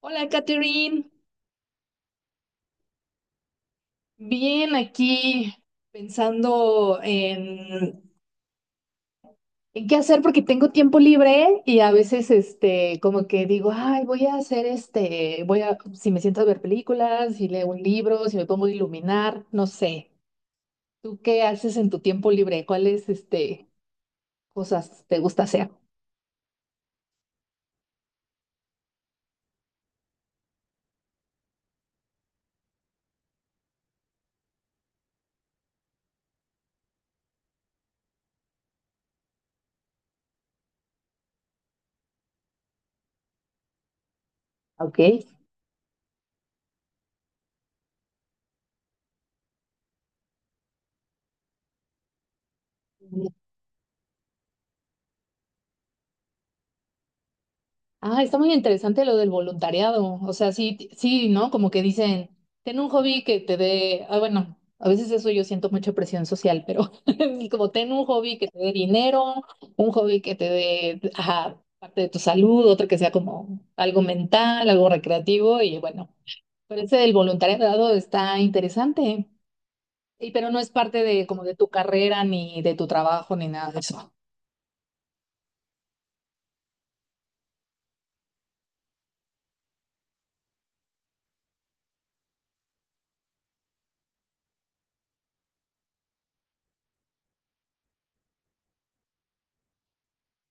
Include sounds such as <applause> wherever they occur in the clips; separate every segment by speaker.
Speaker 1: Hola, Catherine. Bien, aquí pensando en qué hacer porque tengo tiempo libre y a veces, este, como que digo, ay, voy a hacer este, voy a, si me siento a ver películas, si leo un libro, si me pongo a iluminar, no sé. ¿Tú qué haces en tu tiempo libre? ¿Cuál es, este, cosas te gusta hacer? Ok. Ah, está muy interesante lo del voluntariado. O sea, sí, sí, ¿no? Como que dicen, ten un hobby que te dé, ah, bueno, a veces eso yo siento mucha presión social, pero <laughs> como ten un hobby que te dé dinero, un hobby que te dé, ajá, parte de tu salud, otro que sea como algo mental, algo recreativo y bueno, pero ese del voluntariado está interesante. Y pero no es parte de como de tu carrera ni de tu trabajo ni nada de eso.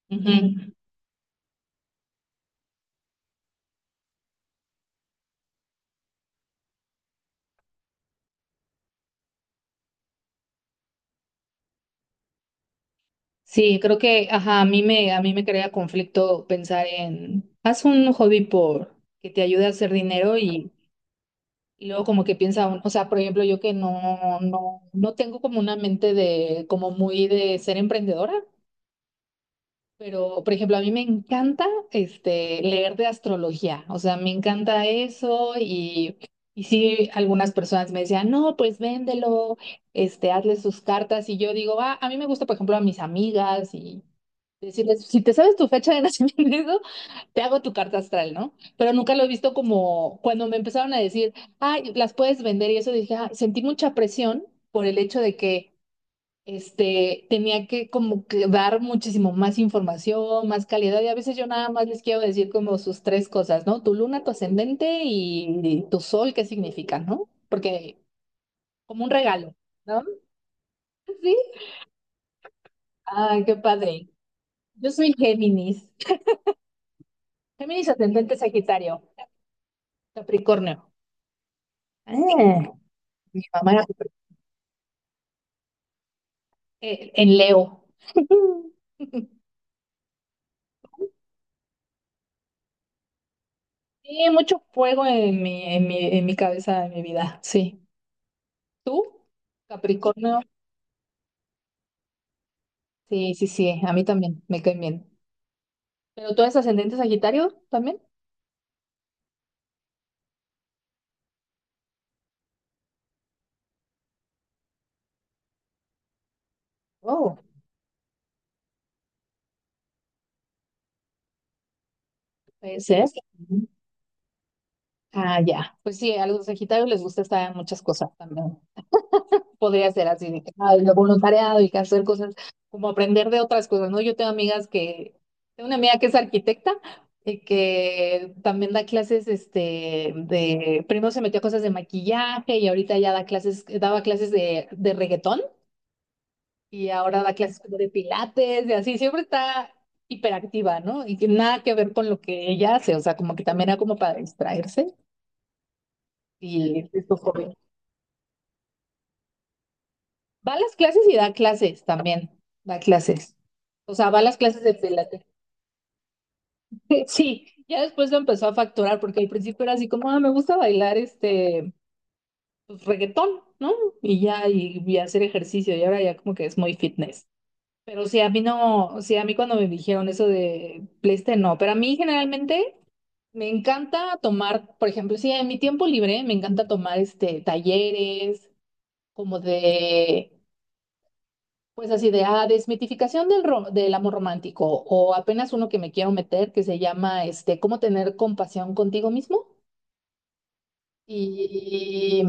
Speaker 1: Ujú. Sí, creo que, ajá, a mí me crea conflicto pensar en, haz un hobby por que te ayude a hacer dinero y luego como que piensa, o sea, por ejemplo, yo que no tengo como una mente de, como muy de ser emprendedora, pero, por ejemplo, a mí me encanta, este, leer de astrología, o sea, me encanta eso y sí, algunas personas me decían, no, pues véndelo, este, hazle sus cartas y yo digo, ah, a mí me gusta, por ejemplo, a mis amigas y decirles, si te sabes tu fecha de nacimiento, <laughs> te hago tu carta astral, ¿no? Pero nunca lo he visto como cuando me empezaron a decir, ay, las puedes vender y eso dije, "Ah", sentí mucha presión por el hecho de que este tenía que como que dar muchísimo más información, más calidad y a veces yo nada más les quiero decir como sus tres cosas, ¿no? Tu luna, tu ascendente y tu sol, ¿qué significa, no? Porque como un regalo, ¿no? <laughs> Sí. Ay, qué padre. Yo soy Géminis. Géminis ascendente Sagitario. Capricornio. Así mm, mi mamá era súper en Leo. <laughs> Sí, mucho fuego en mi cabeza, en mi vida. Sí. ¿Tú? Capricornio. Sí, sí, sí. A mí también. Me caen bien. ¿Pero tú eres ascendente Sagitario también? Oh, puede ser. Ujú. Ah, ya. Pues sí, a los Sagitarios les gusta estar en muchas cosas también. Podría ser así, de que, ay, lo voluntariado y que hacer cosas, como aprender de otras cosas, ¿no? Yo tengo amigas que, tengo una amiga que es arquitecta y que también da clases, este, de, primero se metió a cosas de maquillaje y ahorita ya da clases, daba clases de reggaetón y ahora da clases como de pilates y así, siempre está hiperactiva, ¿no? Y que nada que ver con lo que ella hace, o sea, como que también era como para distraerse y esto fue. Va a las clases y da clases también. Da clases. O sea, va a las clases de pilates. <laughs> Sí, ya después lo empezó a facturar porque al principio era así como, ah, me gusta bailar este pues, reggaetón, ¿no? Y ya, y hacer ejercicio. Y ahora ya como que es muy fitness. Pero sí, a mí no, sí, a mí cuando me dijeron eso de PlayStation, no. Pero a mí generalmente me encanta tomar, por ejemplo, sí, en mi tiempo libre me encanta tomar este talleres como de pues así de, ah, desmitificación del, del amor romántico o apenas uno que me quiero meter que se llama, este, cómo tener compasión contigo mismo. Y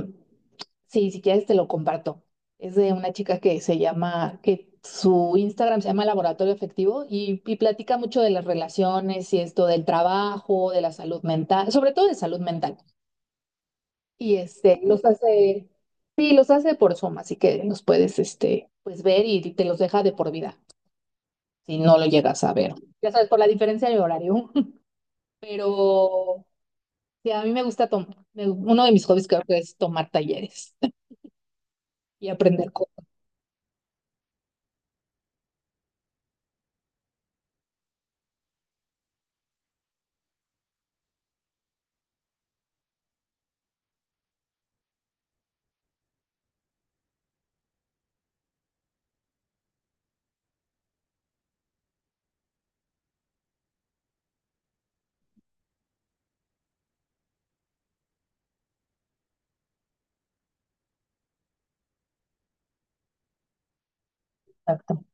Speaker 1: sí, si quieres te lo comparto. Es de una chica que se llama, que su Instagram se llama Laboratorio Afectivo y platica mucho de las relaciones y esto del trabajo, de la salud mental, sobre todo de salud mental. Y este, los hace, sí, los hace por Zoom, así que los puedes, este, pues ver y te los deja de por vida si no lo llegas a ver. Ya sabes, por la diferencia de horario. <laughs> Pero sí, a mí me gusta tomar. Uno de mis hobbies creo que es tomar talleres <laughs> y aprender cosas. Exacto.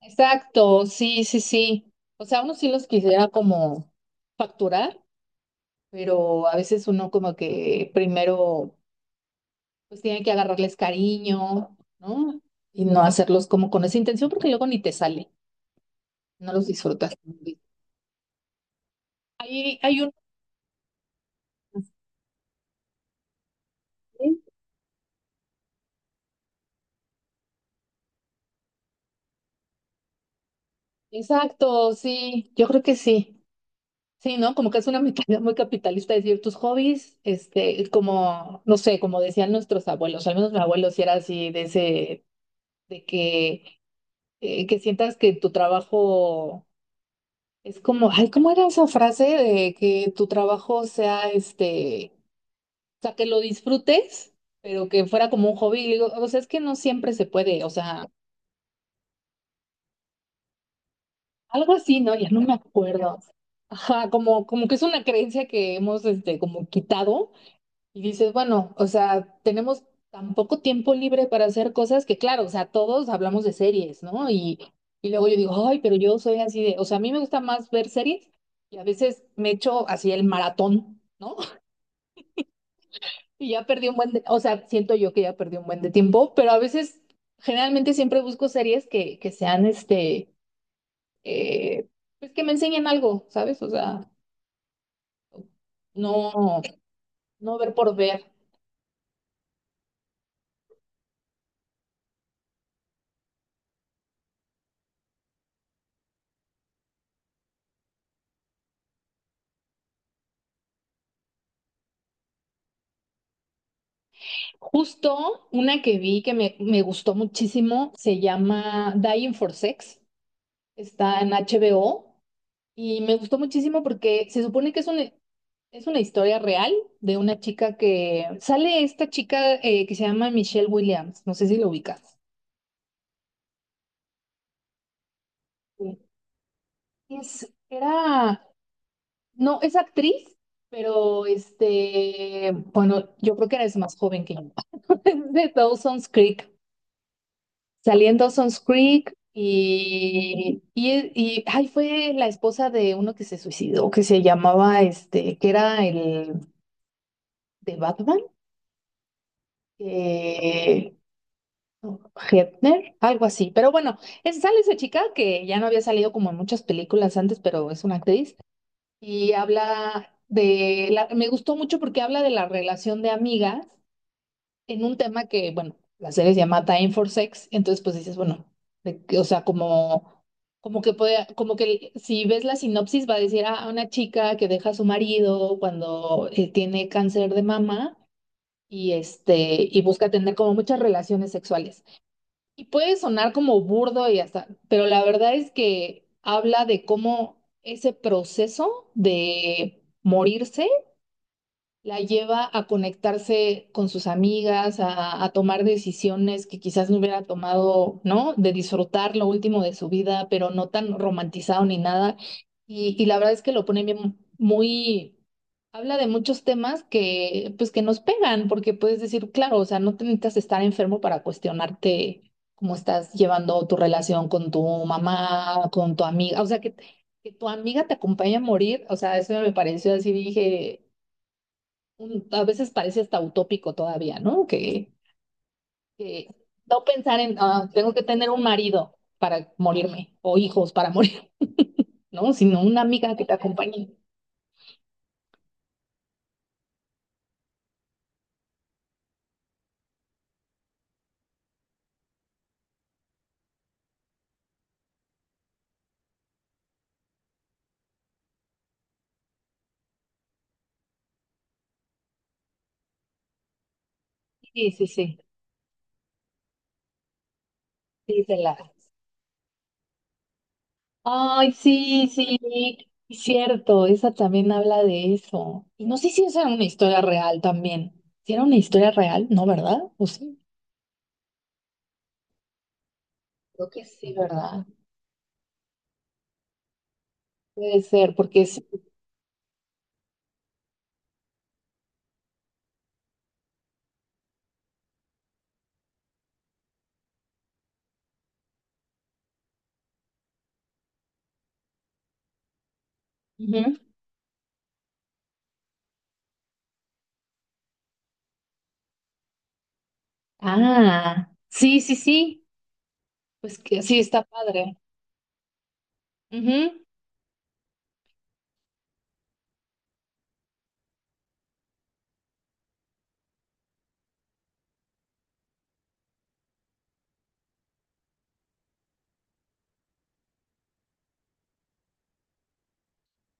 Speaker 1: Exacto, sí, sí, sí. O sea, uno sí los quisiera como facturar, pero a veces uno como que primero pues tiene que agarrarles cariño, ¿no? Y no hacerlos como con esa intención porque luego ni te sale, no los disfrutas. Hay un... Exacto, sí, yo creo que sí. Sí, ¿no? Como que es una <laughs> mentalidad muy capitalista decir tus hobbies, este, como, no sé, como decían nuestros abuelos, al menos mi abuelo sí era así, de ese, de que sientas que tu trabajo es como, ay, ¿cómo era esa frase de que tu trabajo sea, este, o sea, que lo disfrutes, pero que fuera como un hobby? Y digo, o sea, es que no siempre se puede, o sea, algo así, ¿no? Ya no me acuerdo. Ajá, como, como que es una creencia que hemos, este, como quitado. Y dices, bueno, o sea, tenemos tan poco tiempo libre para hacer cosas que, claro, o sea, todos hablamos de series, ¿no? Y luego yo digo, ay, pero yo soy así de, o sea, a mí me gusta más ver series y a veces me echo así el maratón, ¿no? <laughs> Y ya perdí un buen de, o sea, siento yo que ya perdí un buen de tiempo, pero a veces, generalmente siempre busco series que sean, este, eh, pues que me enseñen algo, ¿sabes? O sea, no, no ver por ver. Justo una que vi que me gustó muchísimo se llama Dying for Sex, está en HBO y me gustó muchísimo porque se supone que es una historia real de una chica que sale esta chica que se llama Michelle Williams, no sé si lo ubicas. Sí. Es, era, no, es actriz, pero este, bueno, yo creo que eres más joven que yo, <laughs> es de Dawson's Creek. Salí en Dawson's Creek y ay, fue la esposa de uno que se suicidó, que se llamaba este, que era el de Batman, eh, Hefner, algo así. Pero bueno, sale esa chica que ya no había salido como en muchas películas antes, pero es una actriz y habla de la, me gustó mucho porque habla de la relación de amigas en un tema que, bueno, la serie se llama Time for Sex, entonces pues dices, bueno, o sea, como, como que puede, como que si ves la sinopsis va a decir, ah, una chica que deja a su marido cuando tiene cáncer de mama y este, y busca tener como muchas relaciones sexuales. Y puede sonar como burdo y hasta, pero la verdad es que habla de cómo ese proceso de morirse la lleva a conectarse con sus amigas, a tomar decisiones que quizás no hubiera tomado, ¿no? De disfrutar lo último de su vida, pero no tan romantizado ni nada. Y la verdad es que lo pone bien, muy, habla de muchos temas que, pues, que nos pegan, porque puedes decir, claro, o sea, no te necesitas estar enfermo para cuestionarte cómo estás llevando tu relación con tu mamá, con tu amiga, o sea, que tu amiga te acompaña a morir, o sea, eso me pareció así, dije a veces parece hasta utópico todavía, ¿no? Que no pensar en, "Ah, tengo que tener un marido para morirme o hijos para morir, <laughs> ¿no? Sino una amiga que te acompañe. Sí, sí, sí, sí, se la. Ay, sí, sí, es cierto, esa también habla de eso. Y no sé si esa era una historia real también. Si era una historia real, ¿no, verdad? ¿O sí? Creo que sí, ¿verdad? Puede ser, porque es... Ujú. Ah, sí, sí, sí. Pues que sí, está padre. Ujú.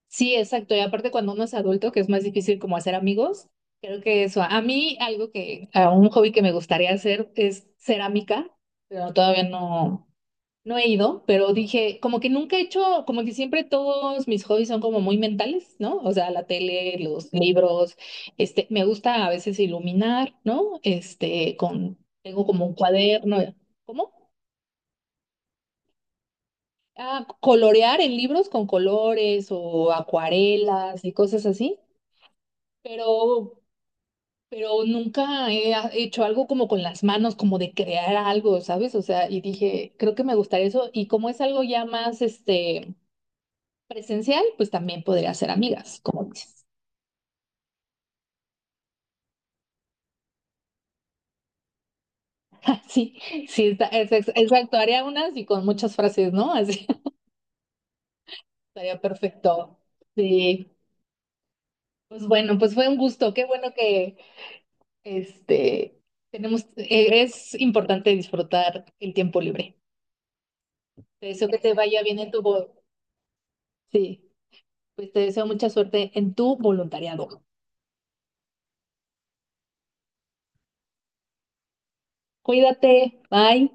Speaker 1: Sí, exacto. Y aparte cuando uno es adulto, que es más difícil como hacer amigos, creo que eso, a mí algo que, a un hobby que me gustaría hacer es cerámica, pero todavía no, no he ido, pero dije, como que nunca he hecho, como que siempre todos mis hobbies son como muy mentales, ¿no? O sea, la tele, los libros, este, me gusta a veces iluminar, ¿no? Este, con, tengo como un cuaderno, ¿cómo? Ah, colorear en libros con colores o acuarelas y cosas así. pero, pero nunca hecho algo como con las manos, como de crear algo, ¿sabes? O sea, y dije, creo que me gustaría eso. Y como es algo ya más, este, presencial, pues también podría ser amigas, como dices. <laughs> Sí, sí, exacto, haría unas y con muchas frases, ¿no? Así, <laughs> estaría perfecto. Sí, pues bueno, pues fue un gusto, qué bueno que, este, tenemos, es importante disfrutar el tiempo libre. Te deseo que te vaya bien en tu boda. Sí. Pues te deseo mucha suerte en tu voluntariado. Cuídate, bye.